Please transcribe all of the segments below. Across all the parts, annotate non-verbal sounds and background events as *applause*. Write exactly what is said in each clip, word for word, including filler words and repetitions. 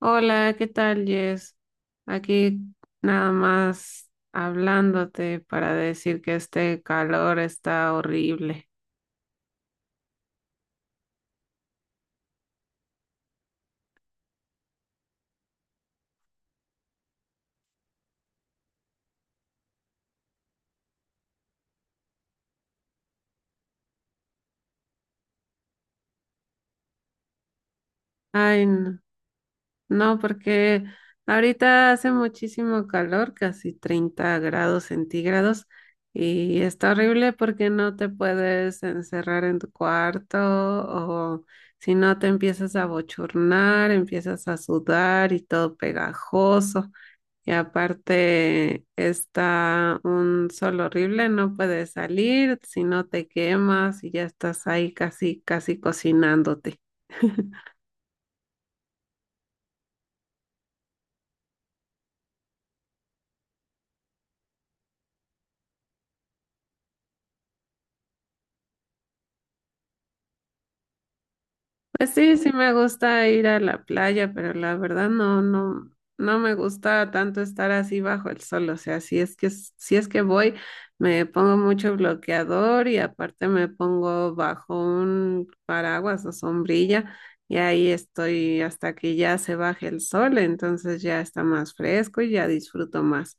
Hola, ¿qué tal, Jess? Aquí nada más hablándote para decir que este calor está horrible. Ay, no, no, porque ahorita hace muchísimo calor, casi treinta grados centígrados, y está horrible porque no te puedes encerrar en tu cuarto o si no te empiezas a bochornar, empiezas a sudar y todo pegajoso. Y aparte está un sol horrible, no puedes salir, si no te quemas y ya estás ahí casi, casi cocinándote. *laughs* Pues sí, sí me gusta ir a la playa, pero la verdad no, no, no me gusta tanto estar así bajo el sol. O sea, si es que, si es que voy, me pongo mucho bloqueador y aparte me pongo bajo un paraguas o sombrilla y ahí estoy hasta que ya se baje el sol, entonces ya está más fresco y ya disfruto más.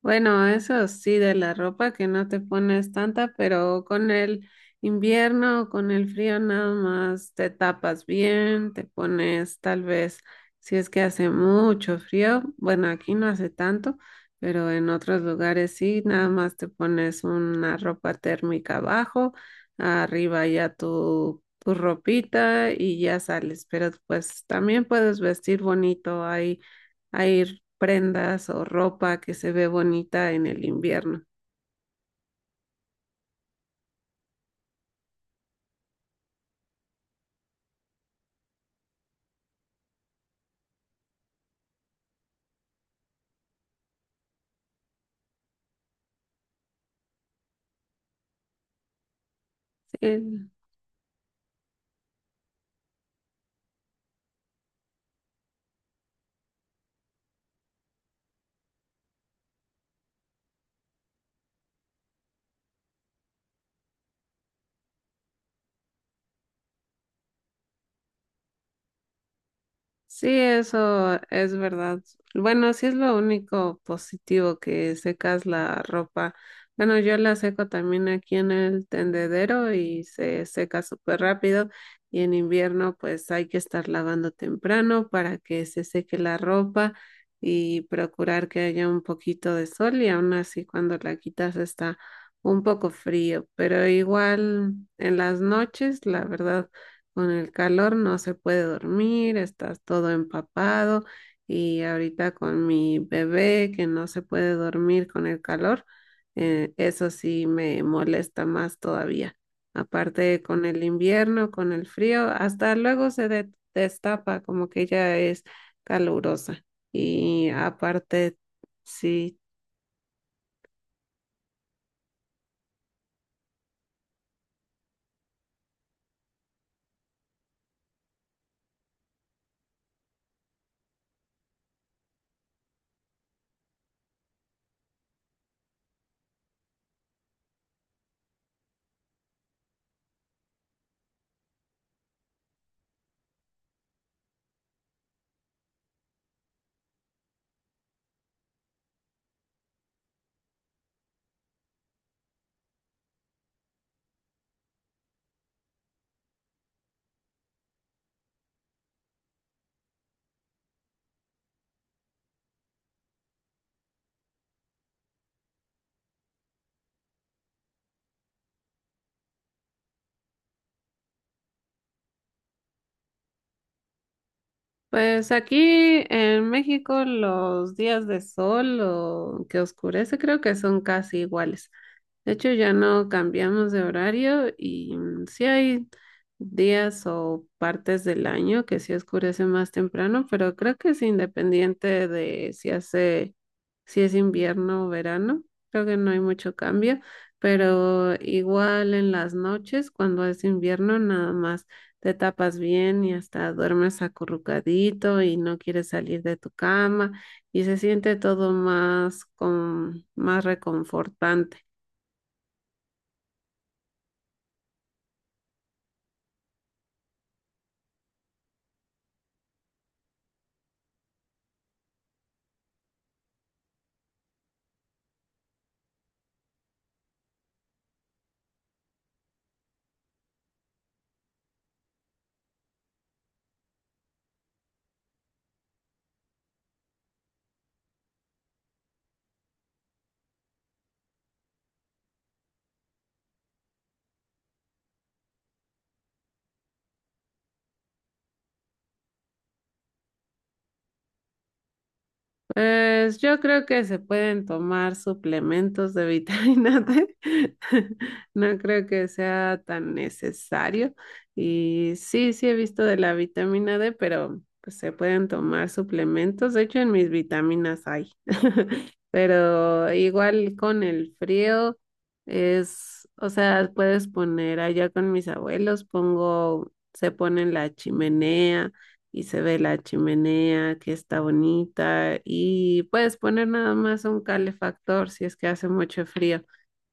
Bueno, eso sí, de la ropa que no te pones tanta, pero con el invierno o con el frío nada más te tapas bien, te pones tal vez, si es que hace mucho frío, bueno, aquí no hace tanto, pero en otros lugares sí, nada más te pones una ropa térmica abajo, arriba ya tu, tu ropita y ya sales, pero pues también puedes vestir bonito ahí hay prendas o ropa que se ve bonita en el invierno. Sí, sí, eso es verdad. Bueno, sí es lo único positivo que secas la ropa. Bueno, yo la seco también aquí en el tendedero y se seca súper rápido. Y en invierno, pues hay que estar lavando temprano para que se seque la ropa y procurar que haya un poquito de sol y aún así cuando la quitas está un poco frío, pero igual en las noches, la verdad. Con el calor no se puede dormir, estás todo empapado y ahorita con mi bebé que no se puede dormir con el calor, eh, eso sí me molesta más todavía. Aparte con el invierno, con el frío, hasta luego se de- destapa como que ya es calurosa. Y aparte, sí. Pues aquí en México los días de sol o que oscurece creo que son casi iguales. De hecho, ya no cambiamos de horario y mm, sí hay días o partes del año que sí oscurece más temprano, pero creo que es independiente de si hace, si es invierno o verano. Creo que no hay mucho cambio, pero igual en las noches, cuando es invierno, nada más te tapas bien y hasta duermes acurrucadito y no quieres salir de tu cama y se siente todo más con más reconfortante. Pues yo creo que se pueden tomar suplementos de vitamina D. *laughs* No creo que sea tan necesario. Y sí, sí he visto de la vitamina D, pero pues se pueden tomar suplementos. De hecho, en mis vitaminas hay. *laughs* Pero igual con el frío es, o sea, puedes poner allá con mis abuelos, pongo, se pone en la chimenea y se ve la chimenea que está bonita y puedes poner nada más un calefactor si es que hace mucho frío,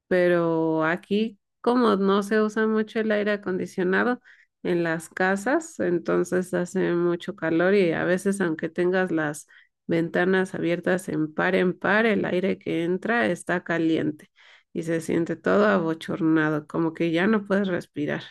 pero aquí como no se usa mucho el aire acondicionado en las casas, entonces hace mucho calor y a veces aunque tengas las ventanas abiertas en par en par, el aire que entra está caliente. Y se siente todo abochornado, como que ya no puedes respirar.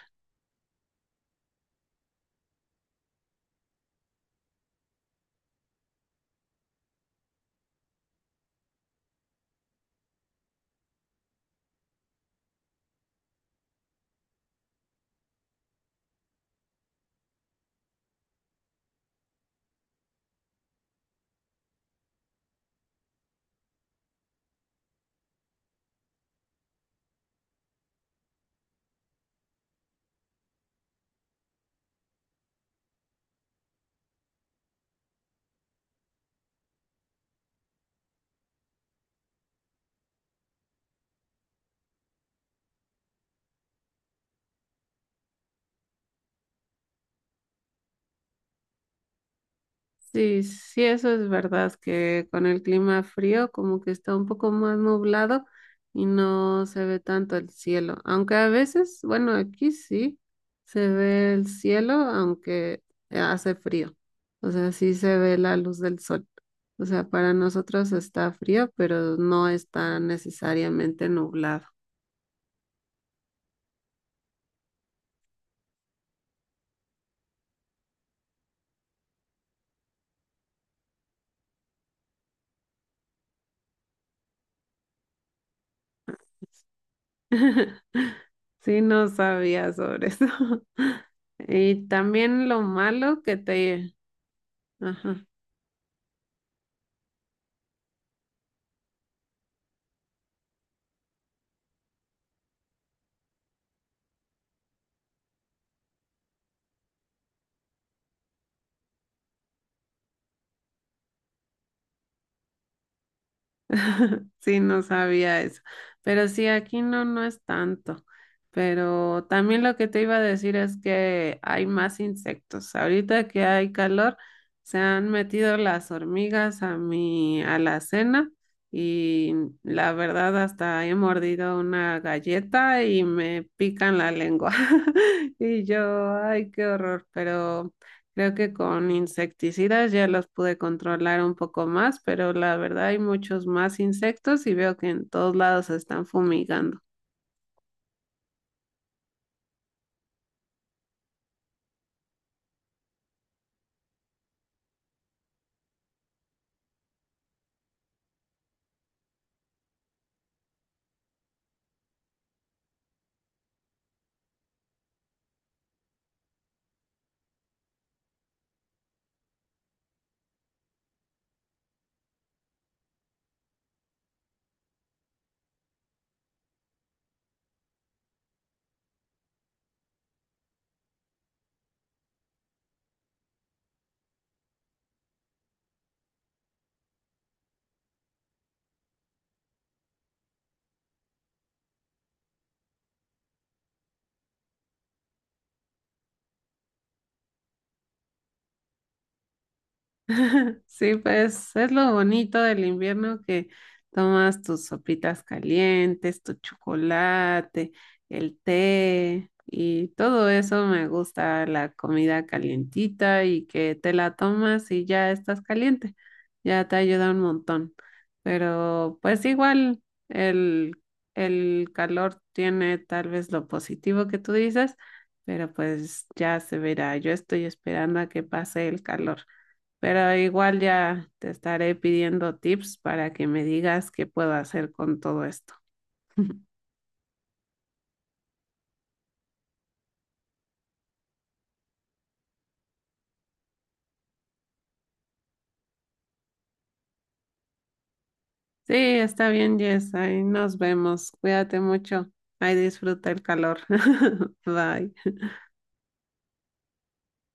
Sí, sí, eso es verdad, que con el clima frío como que está un poco más nublado y no se ve tanto el cielo, aunque a veces, bueno, aquí sí se ve el cielo, aunque hace frío, o sea, sí se ve la luz del sol, o sea, para nosotros está frío, pero no está necesariamente nublado. *laughs* Sí, no sabía sobre eso. *laughs* Y también lo malo que te... Ajá. *laughs* Sí, no sabía eso. Pero sí, aquí no, no es tanto. Pero también lo que te iba a decir es que hay más insectos. Ahorita que hay calor, se han metido las hormigas a mi alacena y la verdad hasta he mordido una galleta y me pican la lengua. *laughs* Y yo, ay, qué horror, pero... Creo que con insecticidas ya los pude controlar un poco más, pero la verdad hay muchos más insectos y veo que en todos lados se están fumigando. *laughs* Sí, pues es lo bonito del invierno que tomas tus sopitas calientes, tu chocolate, el té y todo eso me gusta, la comida calientita y que te la tomas y ya estás caliente, ya te ayuda un montón. Pero pues igual el, el calor tiene tal vez lo positivo que tú dices, pero pues ya se verá. Yo estoy esperando a que pase el calor pero igual ya te estaré pidiendo tips para que me digas qué puedo hacer con todo esto. Sí, está bien, Jess, ahí nos vemos. Cuídate mucho. Ahí disfruta el calor. *laughs* Bye.